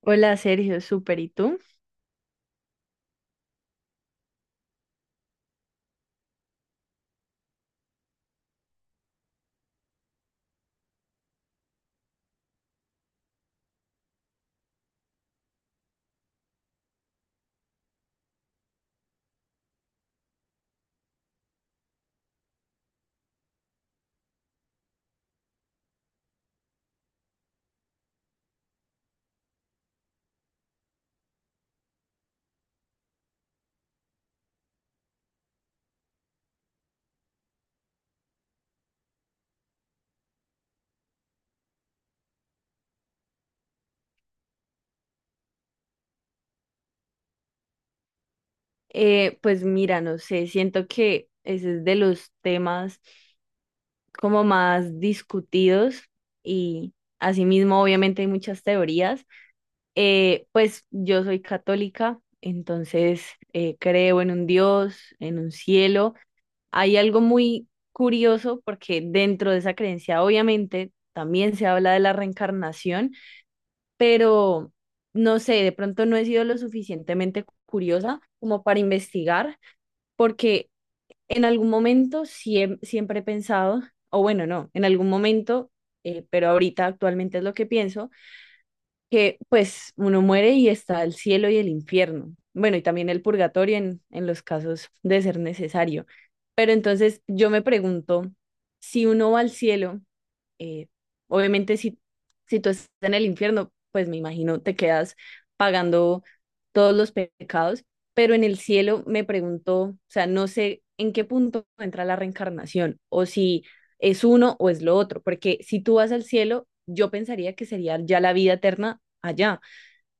Hola Sergio, súper, ¿y tú? Pues mira, no sé, siento que ese es de los temas como más discutidos y asimismo obviamente hay muchas teorías. Pues yo soy católica, entonces creo en un Dios, en un cielo. Hay algo muy curioso porque dentro de esa creencia obviamente también se habla de la reencarnación, pero no sé, de pronto no he sido lo suficientemente curiosa como para investigar, porque en algún momento siempre he pensado, o bueno, no, en algún momento, pero ahorita actualmente es lo que pienso, que pues uno muere y está el cielo y el infierno, bueno, y también el purgatorio en los casos de ser necesario. Pero entonces yo me pregunto, si uno va al cielo, eh, obviamente, si tú estás en el infierno, pues me imagino te quedas pagando todos los pecados, pero en el cielo me pregunto, o sea, no sé en qué punto entra la reencarnación o si es uno o es lo otro, porque si tú vas al cielo, yo pensaría que sería ya la vida eterna allá,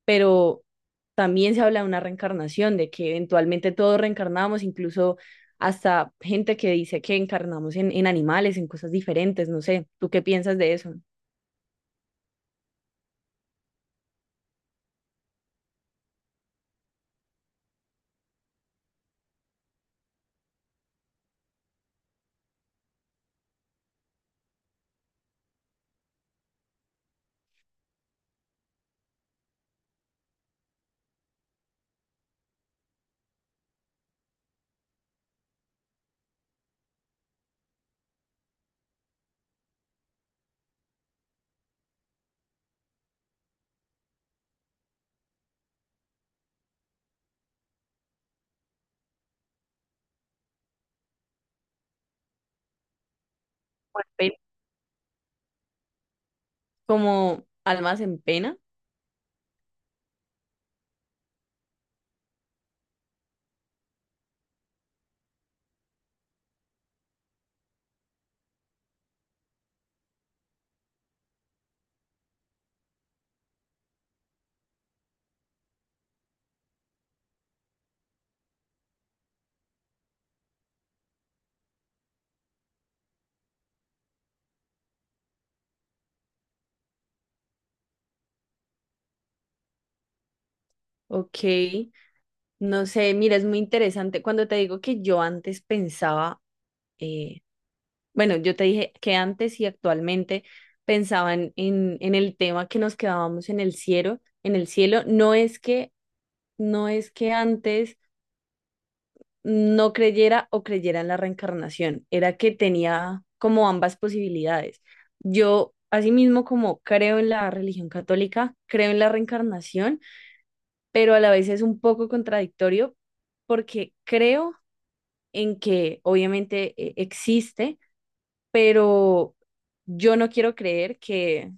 pero también se habla de una reencarnación, de que eventualmente todos reencarnamos, incluso hasta gente que dice que encarnamos en animales, en cosas diferentes, no sé, ¿tú qué piensas de eso? Pues, ve- Como almas en pena. Ok, no sé, mira, es muy interesante. Cuando te digo que yo antes pensaba, eh, bueno, yo te dije que antes y actualmente pensaba en el tema que nos quedábamos en el cielo, no es que antes no creyera o creyera en la reencarnación. Era que tenía como ambas posibilidades. Yo, asimismo, como creo en la religión católica, creo en la reencarnación, pero a la vez es un poco contradictorio porque creo en que obviamente existe, pero yo no quiero creer que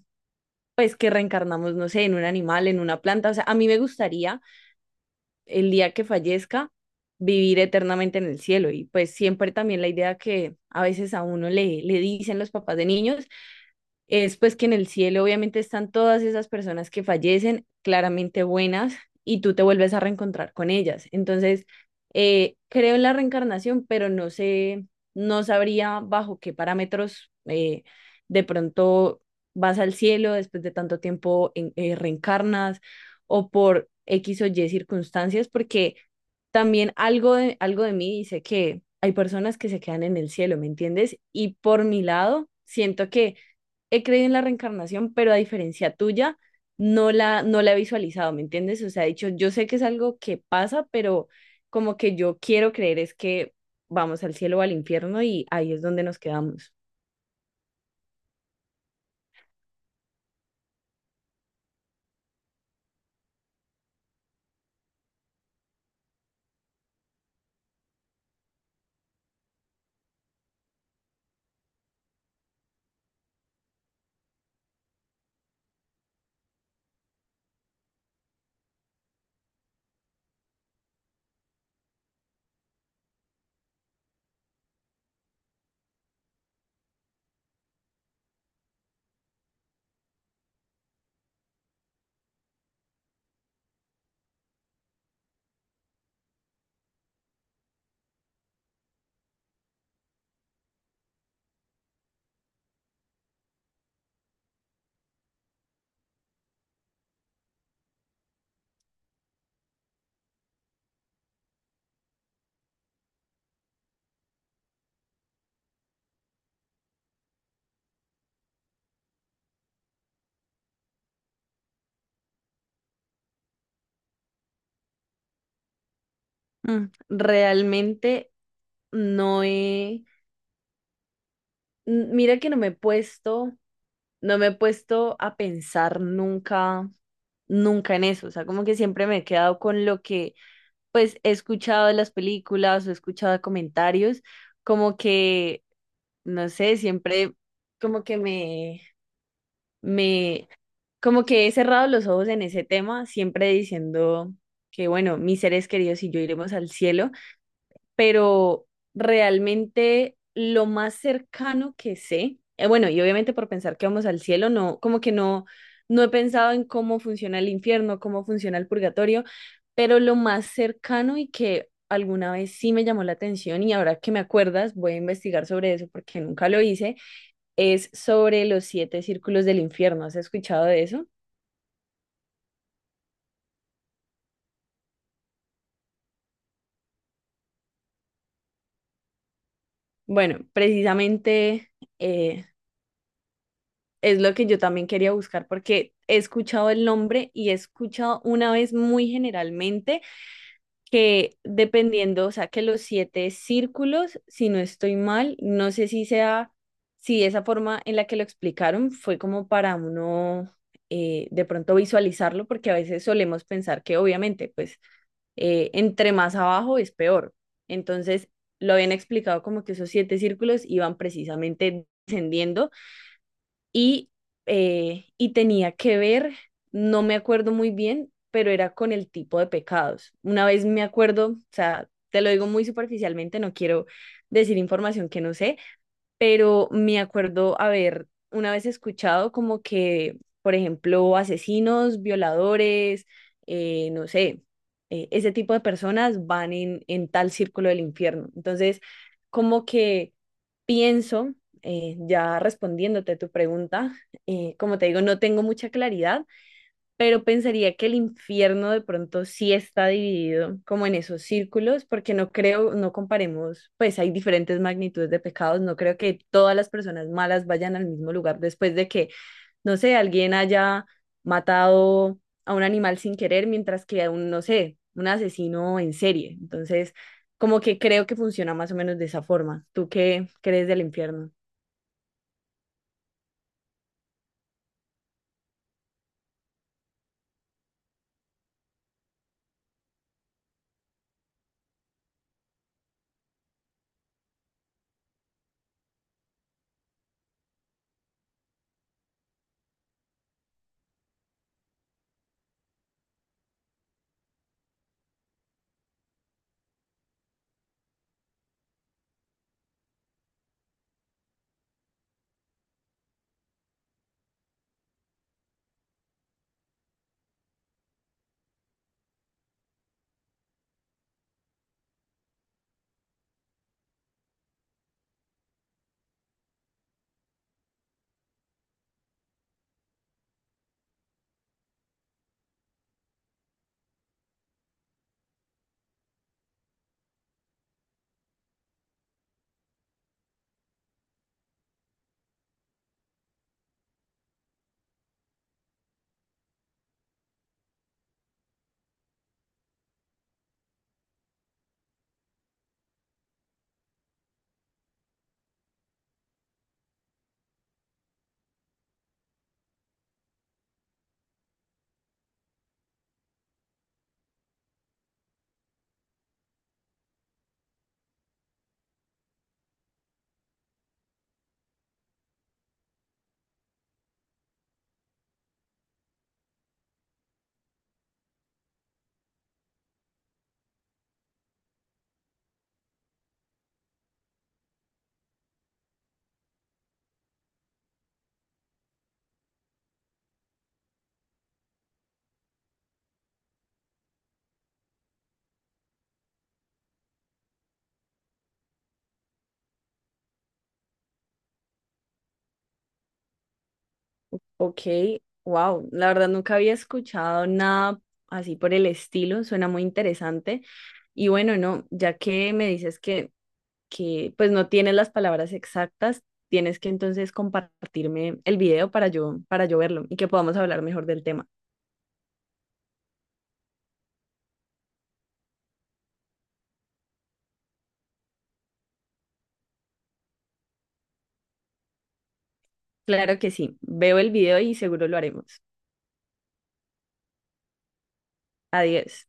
pues que reencarnamos, no sé, en un animal, en una planta. O sea, a mí me gustaría el día que fallezca, vivir eternamente en el cielo. Y pues siempre también la idea que a veces a uno le dicen los papás de niños es pues que en el cielo obviamente están todas esas personas que fallecen, claramente buenas, y tú te vuelves a reencontrar con ellas. Entonces, creo en la reencarnación, pero no sé, no sabría bajo qué parámetros de pronto vas al cielo después de tanto tiempo reencarnas o por X o Y circunstancias, porque también algo de mí dice que hay personas que se quedan en el cielo, ¿me entiendes? Y por mi lado, siento que he creído en la reencarnación, pero a diferencia tuya, no la he visualizado, ¿me entiendes? O sea, he dicho, yo sé que es algo que pasa, pero como que yo quiero creer es que vamos al cielo o al infierno y ahí es donde nos quedamos. Realmente no he, n- mira que no me he puesto a pensar nunca, nunca en eso. O sea, como que siempre me he quedado con lo que, pues, he escuchado de las películas o he escuchado de comentarios, como que, no sé, siempre como que me, me, como que he cerrado los ojos en ese tema, siempre diciendo que, bueno, mis seres queridos y yo iremos al cielo, pero realmente lo más cercano que sé, bueno, y obviamente por pensar que vamos al cielo, no, como que no, no he pensado en cómo funciona el infierno, cómo funciona el purgatorio, pero lo más cercano y que alguna vez sí me llamó la atención y ahora que me acuerdas voy a investigar sobre eso porque nunca lo hice, es sobre los siete círculos del infierno. ¿Has escuchado de eso? Bueno, precisamente eh, es lo que yo también quería buscar porque he escuchado el nombre y he escuchado una vez muy generalmente que dependiendo, o sea, que los siete círculos, si no estoy mal, no sé si sea, si esa forma en la que lo explicaron fue como para uno de pronto visualizarlo porque a veces solemos pensar que obviamente, pues, entre más abajo es peor. Entonces, lo habían explicado como que esos siete círculos iban precisamente descendiendo y, y tenía que ver, no me acuerdo muy bien, pero era con el tipo de pecados. Una vez me acuerdo, o sea, te lo digo muy superficialmente, no quiero decir información que no sé, pero me acuerdo haber una vez escuchado como que, por ejemplo, asesinos, violadores, no sé, ese tipo de personas van en tal círculo del infierno. Entonces, como que pienso, ya respondiéndote a tu pregunta, como te digo, no tengo mucha claridad, pero pensaría que el infierno de pronto sí está dividido como en esos círculos, porque no creo, no comparemos, pues hay diferentes magnitudes de pecados, no creo que todas las personas malas vayan al mismo lugar después de que, no sé, alguien haya matado a un animal sin querer, mientras que a un, no sé, un asesino en serie. Entonces, como que creo que funciona más o menos de esa forma. ¿Tú qué crees del infierno? Ok, wow, la verdad nunca había escuchado nada así por el estilo, suena muy interesante. Y bueno, no, ya que me dices que pues no tienes las palabras exactas, tienes que entonces compartirme el video para yo, verlo y que podamos hablar mejor del tema. Claro que sí, veo el video y seguro lo haremos. Adiós.